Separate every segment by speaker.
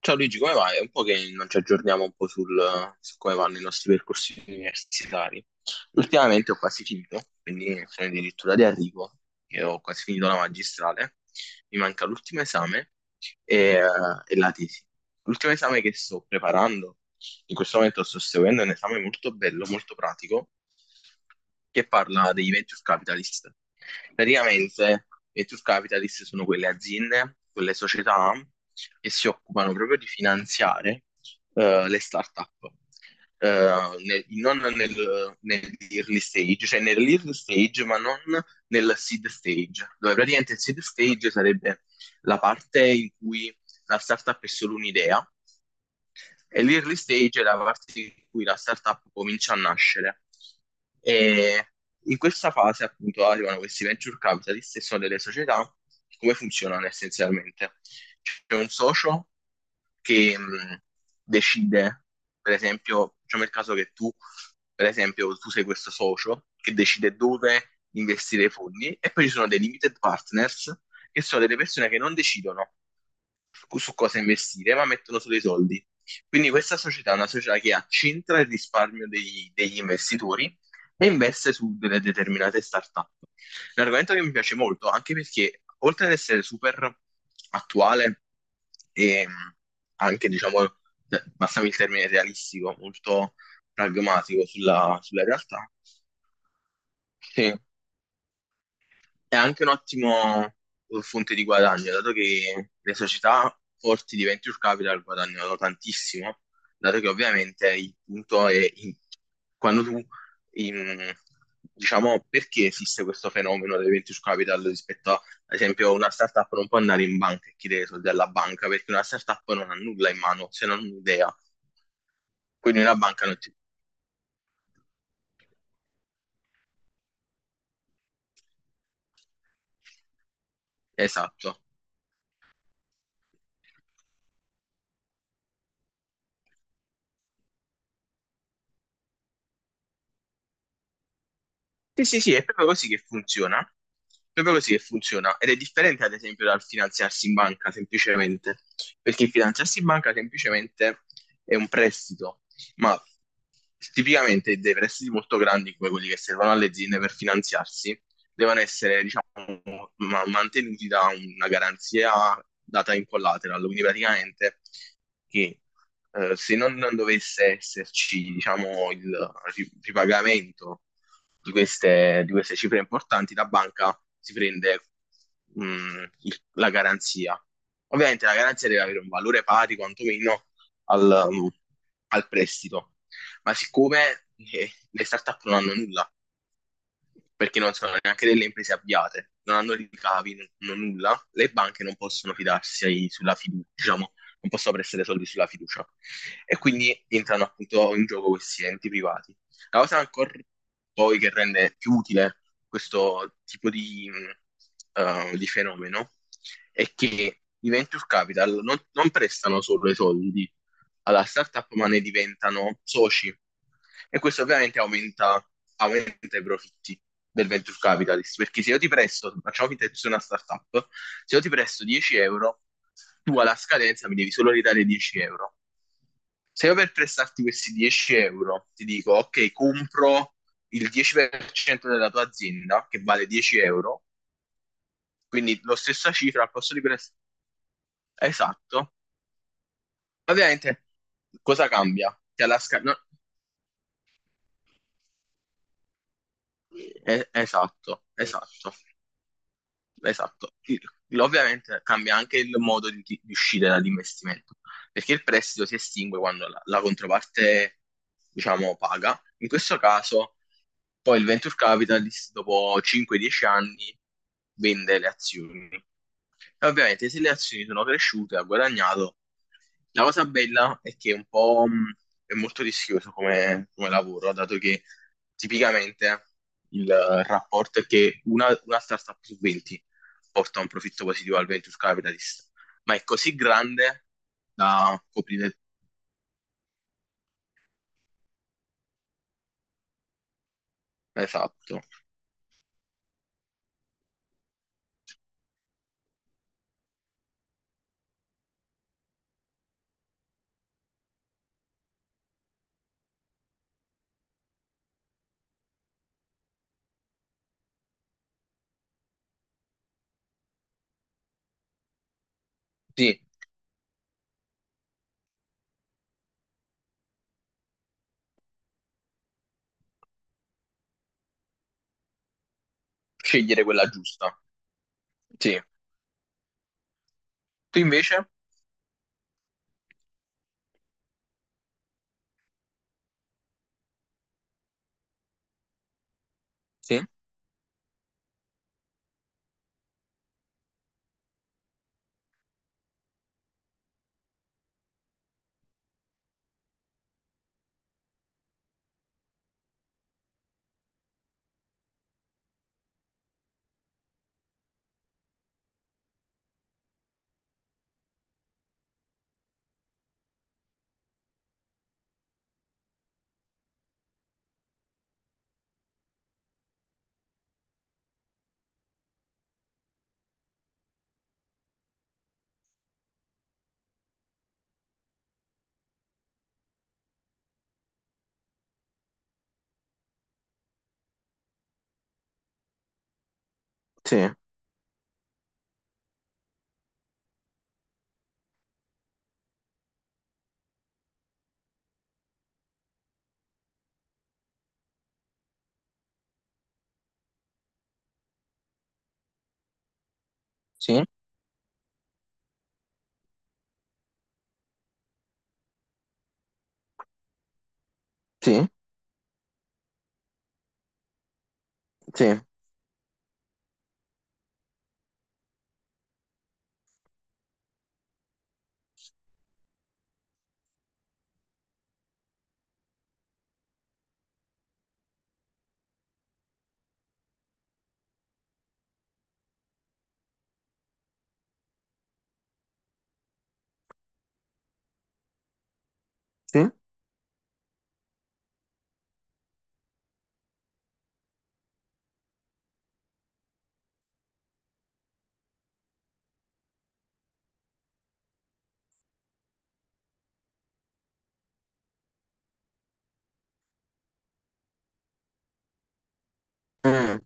Speaker 1: Ciao Luigi, come vai? È un po' che non ci aggiorniamo un po' su come vanno i nostri percorsi universitari. Ultimamente ho quasi finito, quindi sono addirittura di arrivo. Io ho quasi finito la magistrale, mi manca l'ultimo esame e, eh, e la tesi. L'ultimo esame che sto preparando in questo momento sto seguendo un esame molto bello, molto pratico, che parla dei venture capitalist. Praticamente, i venture capitalist sono quelle aziende, quelle società che si occupano proprio di finanziare le start-up. Nel- non nel, nell'early stage, cioè nell'early stage, ma non nel seed stage, dove praticamente il seed stage sarebbe la parte in cui la startup è solo un'idea e l'early stage è la parte in cui la startup comincia a nascere. E in questa fase, appunto, arrivano questi venture capitalist e sono delle società. Come funzionano essenzialmente? C'è un socio che decide, per esempio, facciamo il caso che tu, per esempio, tu sei questo socio che decide dove investire i fondi e poi ci sono dei limited partners che sono delle persone che non decidono su cosa investire, ma mettono solo i soldi. Quindi questa società è una società che accentra il risparmio degli investitori e investe su delle determinate startup. Un argomento che mi piace molto, anche perché oltre ad essere super attuale e anche, diciamo, passami il termine realistico, molto pragmatico sulla realtà, sì è anche un ottimo fonte di guadagno, dato che le società forti di venture capital guadagnano tantissimo, dato che ovviamente il punto è quando tu, in- diciamo, perché esiste questo fenomeno del venture capital rispetto ad esempio, una startup non può andare in banca e chiedere soldi alla banca, perché una startup non ha nulla in mano, se non un'idea, quindi una banca non ti... Esatto. Sì, sì, sì, è proprio così che funziona. È proprio così che funziona. Ed è differente, ad esempio, dal finanziarsi in banca, semplicemente. Perché il finanziarsi in banca, semplicemente, è un prestito. Ma tipicamente dei prestiti molto grandi, come quelli che servono alle aziende per finanziarsi, devono essere, diciamo, mantenuti da una garanzia data in collateral. Quindi praticamente che se non dovesse esserci, diciamo, il ripagamento di queste cifre importanti, la banca si prende la garanzia. Ovviamente la garanzia deve avere un valore pari quantomeno al, um, al prestito, ma siccome le startup non hanno nulla, perché non sono neanche delle imprese avviate, non hanno ricavi, non hanno nulla, le banche non possono fidarsi sulla fiducia, diciamo, non possono prestare soldi sulla fiducia. E quindi entrano appunto in gioco questi enti privati. La cosa ancora poi che rende più utile questo tipo di fenomeno è che i venture capital non prestano solo i soldi alla startup, ma ne diventano soci. E questo ovviamente aumenta i profitti del venture capitalist, perché se io ti presto, facciamo finta che tu sia una startup, se io ti presto 10 euro, tu alla scadenza mi devi solo ridare 10 euro. Se io per prestarti questi 10 euro ti dico, ok, compro il 10% della tua azienda, che vale 10 euro, quindi la stessa cifra al posto di prestare. Esatto. Ovviamente, cosa cambia? Che no, eh, esatto, esatto, esatto. Ovviamente cambia anche il modo di uscire dall'investimento, perché il prestito si estingue quando la controparte, diciamo, paga. In questo caso, poi il venture capitalist, dopo 5-10 anni, vende le azioni. E ovviamente se le azioni sono cresciute, ha guadagnato. La cosa bella è che è un po' è molto rischioso come lavoro, dato che tipicamente il rapporto è che una startup su 20 porta un profitto positivo al venture capitalist, ma è così grande da coprire. Esatto. Sì, scegliere quella giusta. Sì. Tu invece? Sì, sì, sì, sì, sì. Sì. Mm.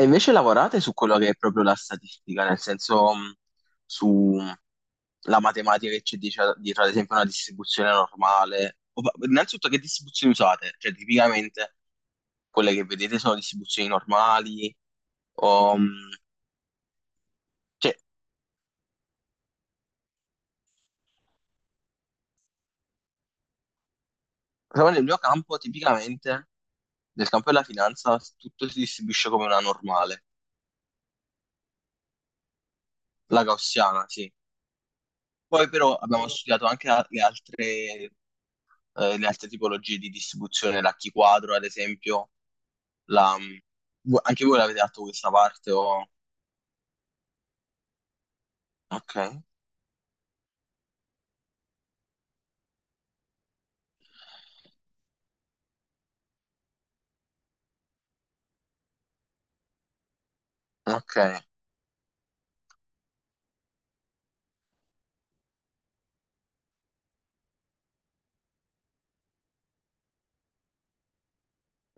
Speaker 1: E invece lavorate su quello che è proprio la statistica, nel senso su la matematica che c'è dietro, ad esempio, una distribuzione normale. Innanzitutto, che distribuzioni usate? Cioè, tipicamente quelle che vedete sono distribuzioni normali, o, mh, cioè, però nel mio campo, tipicamente, nel campo della finanza, tutto si distribuisce come una normale, la gaussiana, sì. Poi però abbiamo studiato anche le altre tipologie di distribuzione, la key quadro, ad esempio, la, mm, anche voi l'avete fatto questa parte o... Ok, ok.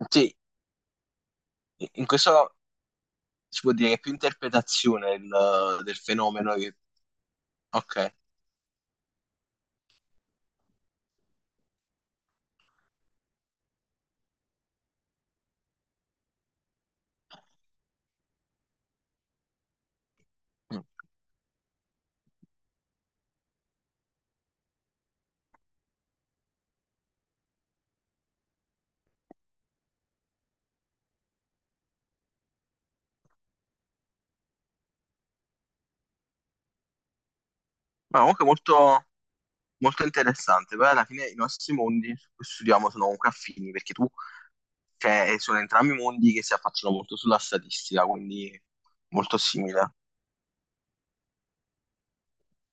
Speaker 1: Sì, in questo si può dire che è più interpretazione del fenomeno. Ok. Mm. Ma comunque molto, molto interessante, poi alla fine i nostri mondi su cui studiamo sono comunque affini, perché tu, cioè, sono entrambi mondi che si affacciano molto sulla statistica, quindi molto simile.